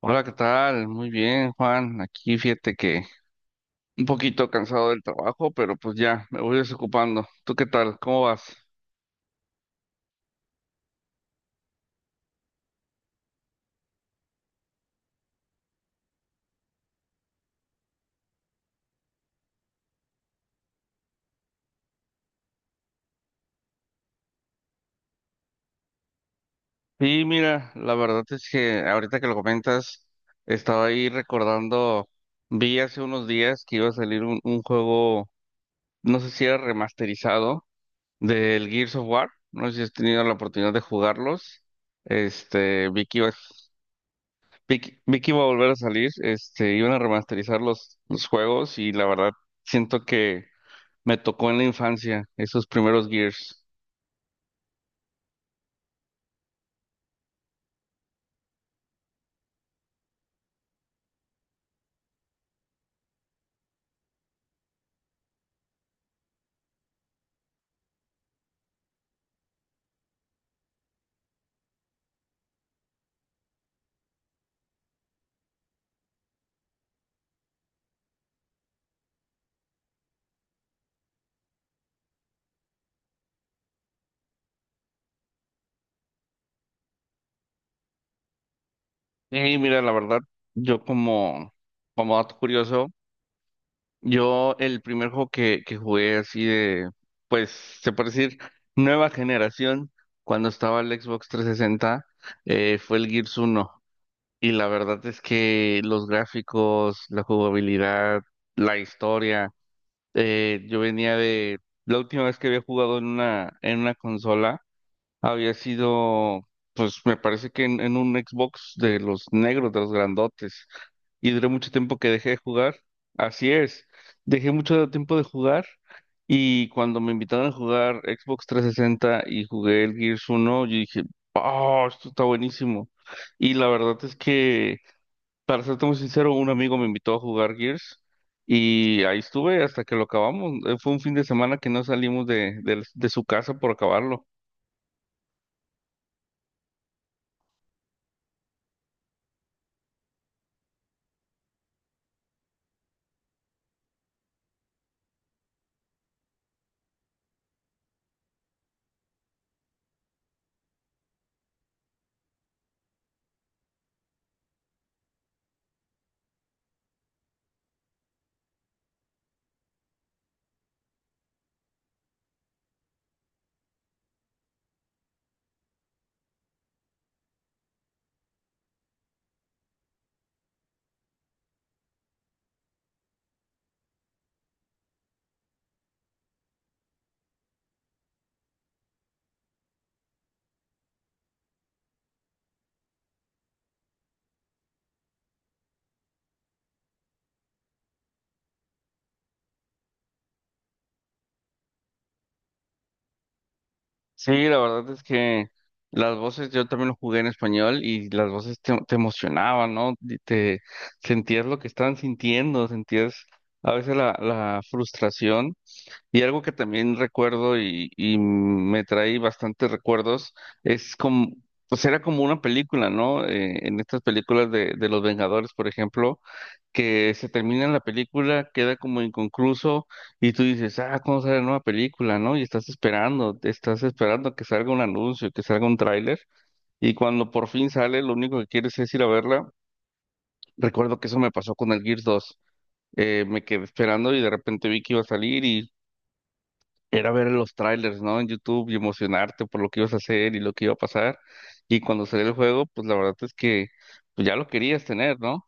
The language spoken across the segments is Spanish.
Hola, ¿qué tal? Muy bien, Juan. Aquí fíjate que un poquito cansado del trabajo, pero pues ya me voy desocupando. ¿Tú qué tal? ¿Cómo vas? Sí, mira, la verdad es que ahorita que lo comentas, estaba ahí recordando, vi hace unos días que iba a salir un juego, no sé si era remasterizado, del Gears of War. No sé si has tenido la oportunidad de jugarlos. Este, vi que ibas. Vic iba a volver a salir, este, iban a remasterizar los juegos y la verdad siento que me tocó en la infancia esos primeros Gears. Y mira, la verdad, yo como, como dato curioso, yo el primer juego que jugué así de, pues se puede decir, nueva generación, cuando estaba el Xbox 360, fue el Gears 1. Y la verdad es que los gráficos, la jugabilidad, la historia. Yo venía de... La última vez que había jugado en una consola había sido, pues me parece que en un Xbox de los negros, de los grandotes. Y duré mucho tiempo que dejé de jugar. Así es, dejé mucho tiempo de jugar. Y cuando me invitaron a jugar Xbox 360 y jugué el Gears uno yo dije, oh, esto está buenísimo. Y la verdad es que, para serte muy sincero, un amigo me invitó a jugar Gears y ahí estuve hasta que lo acabamos. Fue un fin de semana que no salimos de, de su casa por acabarlo. Sí, la verdad es que las voces, yo también lo jugué en español y las voces te, te emocionaban, ¿no? Y te sentías lo que estaban sintiendo, sentías a veces la, la frustración. Y algo que también recuerdo y me trae bastantes recuerdos es como, pues era como una película, ¿no? En estas películas de los Vengadores, por ejemplo, que se termina la película, queda como inconcluso y tú dices, ah, ¿cómo sale la nueva película?, ¿no? Y estás esperando que salga un anuncio, que salga un tráiler, y cuando por fin sale, lo único que quieres es ir a verla. Recuerdo que eso me pasó con el Gears dos. Me quedé esperando y de repente vi que iba a salir y era ver los trailers, ¿no? En YouTube y emocionarte por lo que ibas a hacer y lo que iba a pasar. Y cuando salió el juego, pues la verdad es que, pues, ya lo querías tener, ¿no?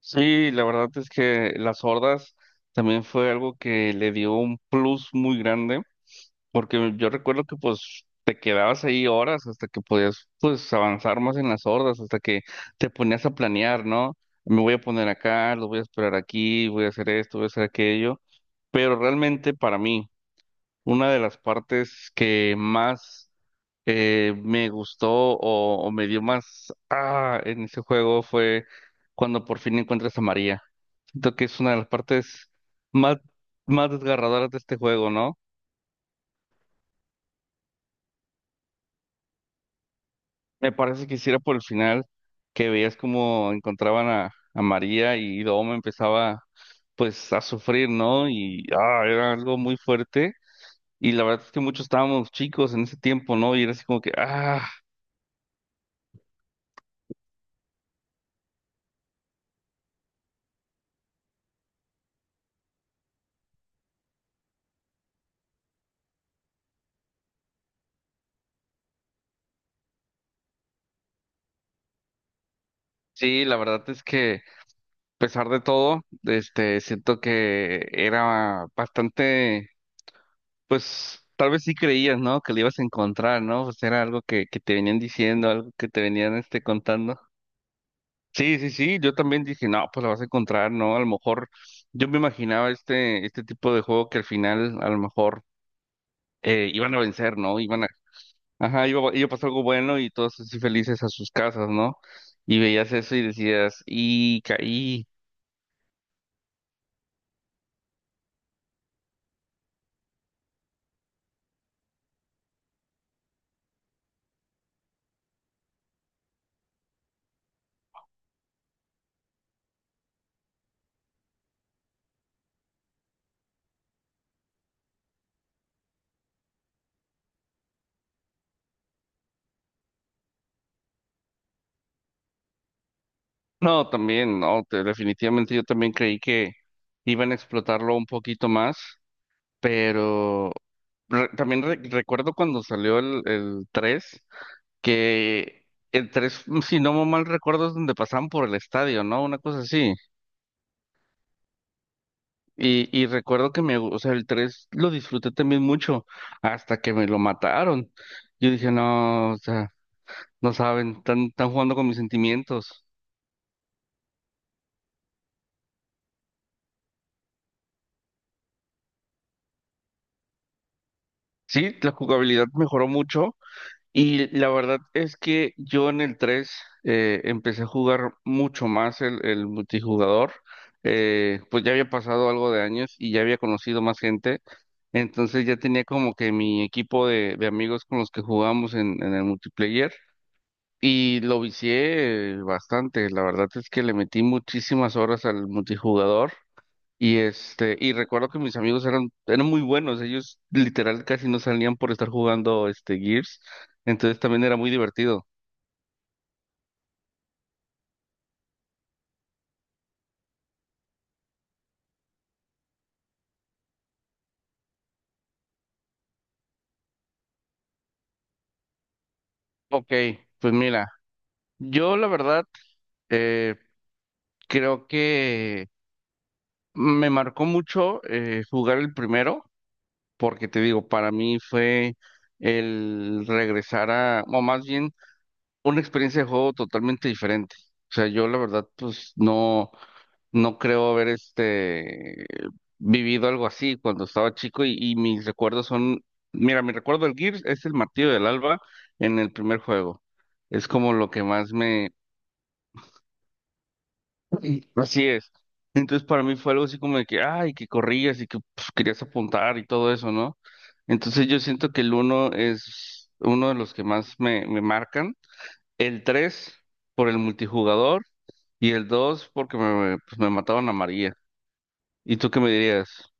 Sí, la verdad es que las hordas también fue algo que le dio un plus muy grande, porque yo recuerdo que pues te quedabas ahí horas hasta que podías pues avanzar más en las hordas, hasta que te ponías a planear, ¿no? Me voy a poner acá, lo voy a esperar aquí, voy a hacer esto, voy a hacer aquello. Pero realmente para mí, una de las partes que más me gustó o me dio más ah, en ese juego fue cuando por fin encuentras a María. Siento que es una de las partes más, más desgarradoras de este juego, ¿no? Me parece que hiciera por el final, que veías cómo encontraban a María y Dom empezaba pues a sufrir, ¿no? Y ah, era algo muy fuerte. Y la verdad es que muchos estábamos chicos en ese tiempo, ¿no? Y era así como que, ah, sí, la verdad es que pesar de todo, este, siento que era bastante, pues tal vez sí creías, ¿no? Que lo ibas a encontrar, ¿no? Pues era algo que te venían diciendo, algo que te venían este, contando. Sí, sí, sí, yo también dije, no, pues lo vas a encontrar, ¿no? A lo mejor yo me imaginaba este, este tipo de juego que al final a lo mejor iban a vencer, ¿no? Iban a, ajá, iba, iba a pasar algo bueno y todos así felices a sus casas, ¿no? Y veías eso y decías, y caí. No, también, no, definitivamente yo también creí que iban a explotarlo un poquito más, pero recuerdo cuando salió el 3, que el 3, mm, si no mal recuerdo, es donde pasaban por el estadio, ¿no? Una cosa así. Y recuerdo que me, o sea, el 3 lo disfruté también mucho hasta que me lo mataron. Yo dije, no, o sea, no saben, están, están jugando con mis sentimientos. Sí, la jugabilidad mejoró mucho. Y la verdad es que yo en el 3 empecé a jugar mucho más el multijugador. Pues ya había pasado algo de años y ya había conocido más gente. Entonces ya tenía como que mi equipo de amigos con los que jugamos en el multiplayer. Y lo vicié bastante. La verdad es que le metí muchísimas horas al multijugador. Y este, y recuerdo que mis amigos eran muy buenos, ellos literal casi no salían por estar jugando este Gears, entonces también era muy divertido. Ok, pues mira, yo la verdad eh, creo que me marcó mucho jugar el primero, porque te digo, para mí fue el regresar a, o más bien, una experiencia de juego totalmente diferente. O sea, yo la verdad, pues no. No creo haber este vivido algo así cuando estaba chico y mis recuerdos son, mira, mi recuerdo del Gears es el martillo del Alba en el primer juego. Es como lo que más me... Sí. Así es. Entonces para mí fue algo así como de que, ay, que corrías y que pues, querías apuntar y todo eso, ¿no? Entonces yo siento que el uno es uno de los que más me, me marcan. El 3 por el multijugador y el 2 porque me, pues, me mataron a María. ¿Y tú qué me dirías?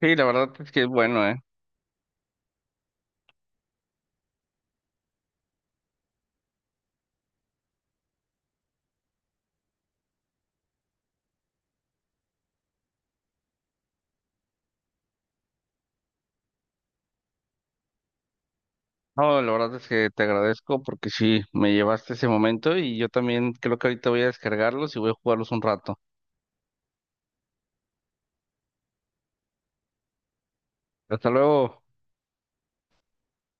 Sí, la verdad es que es bueno, ¿eh? No, la verdad es que te agradezco porque sí, me llevaste ese momento y yo también creo que ahorita voy a descargarlos y voy a jugarlos un rato. Hasta luego.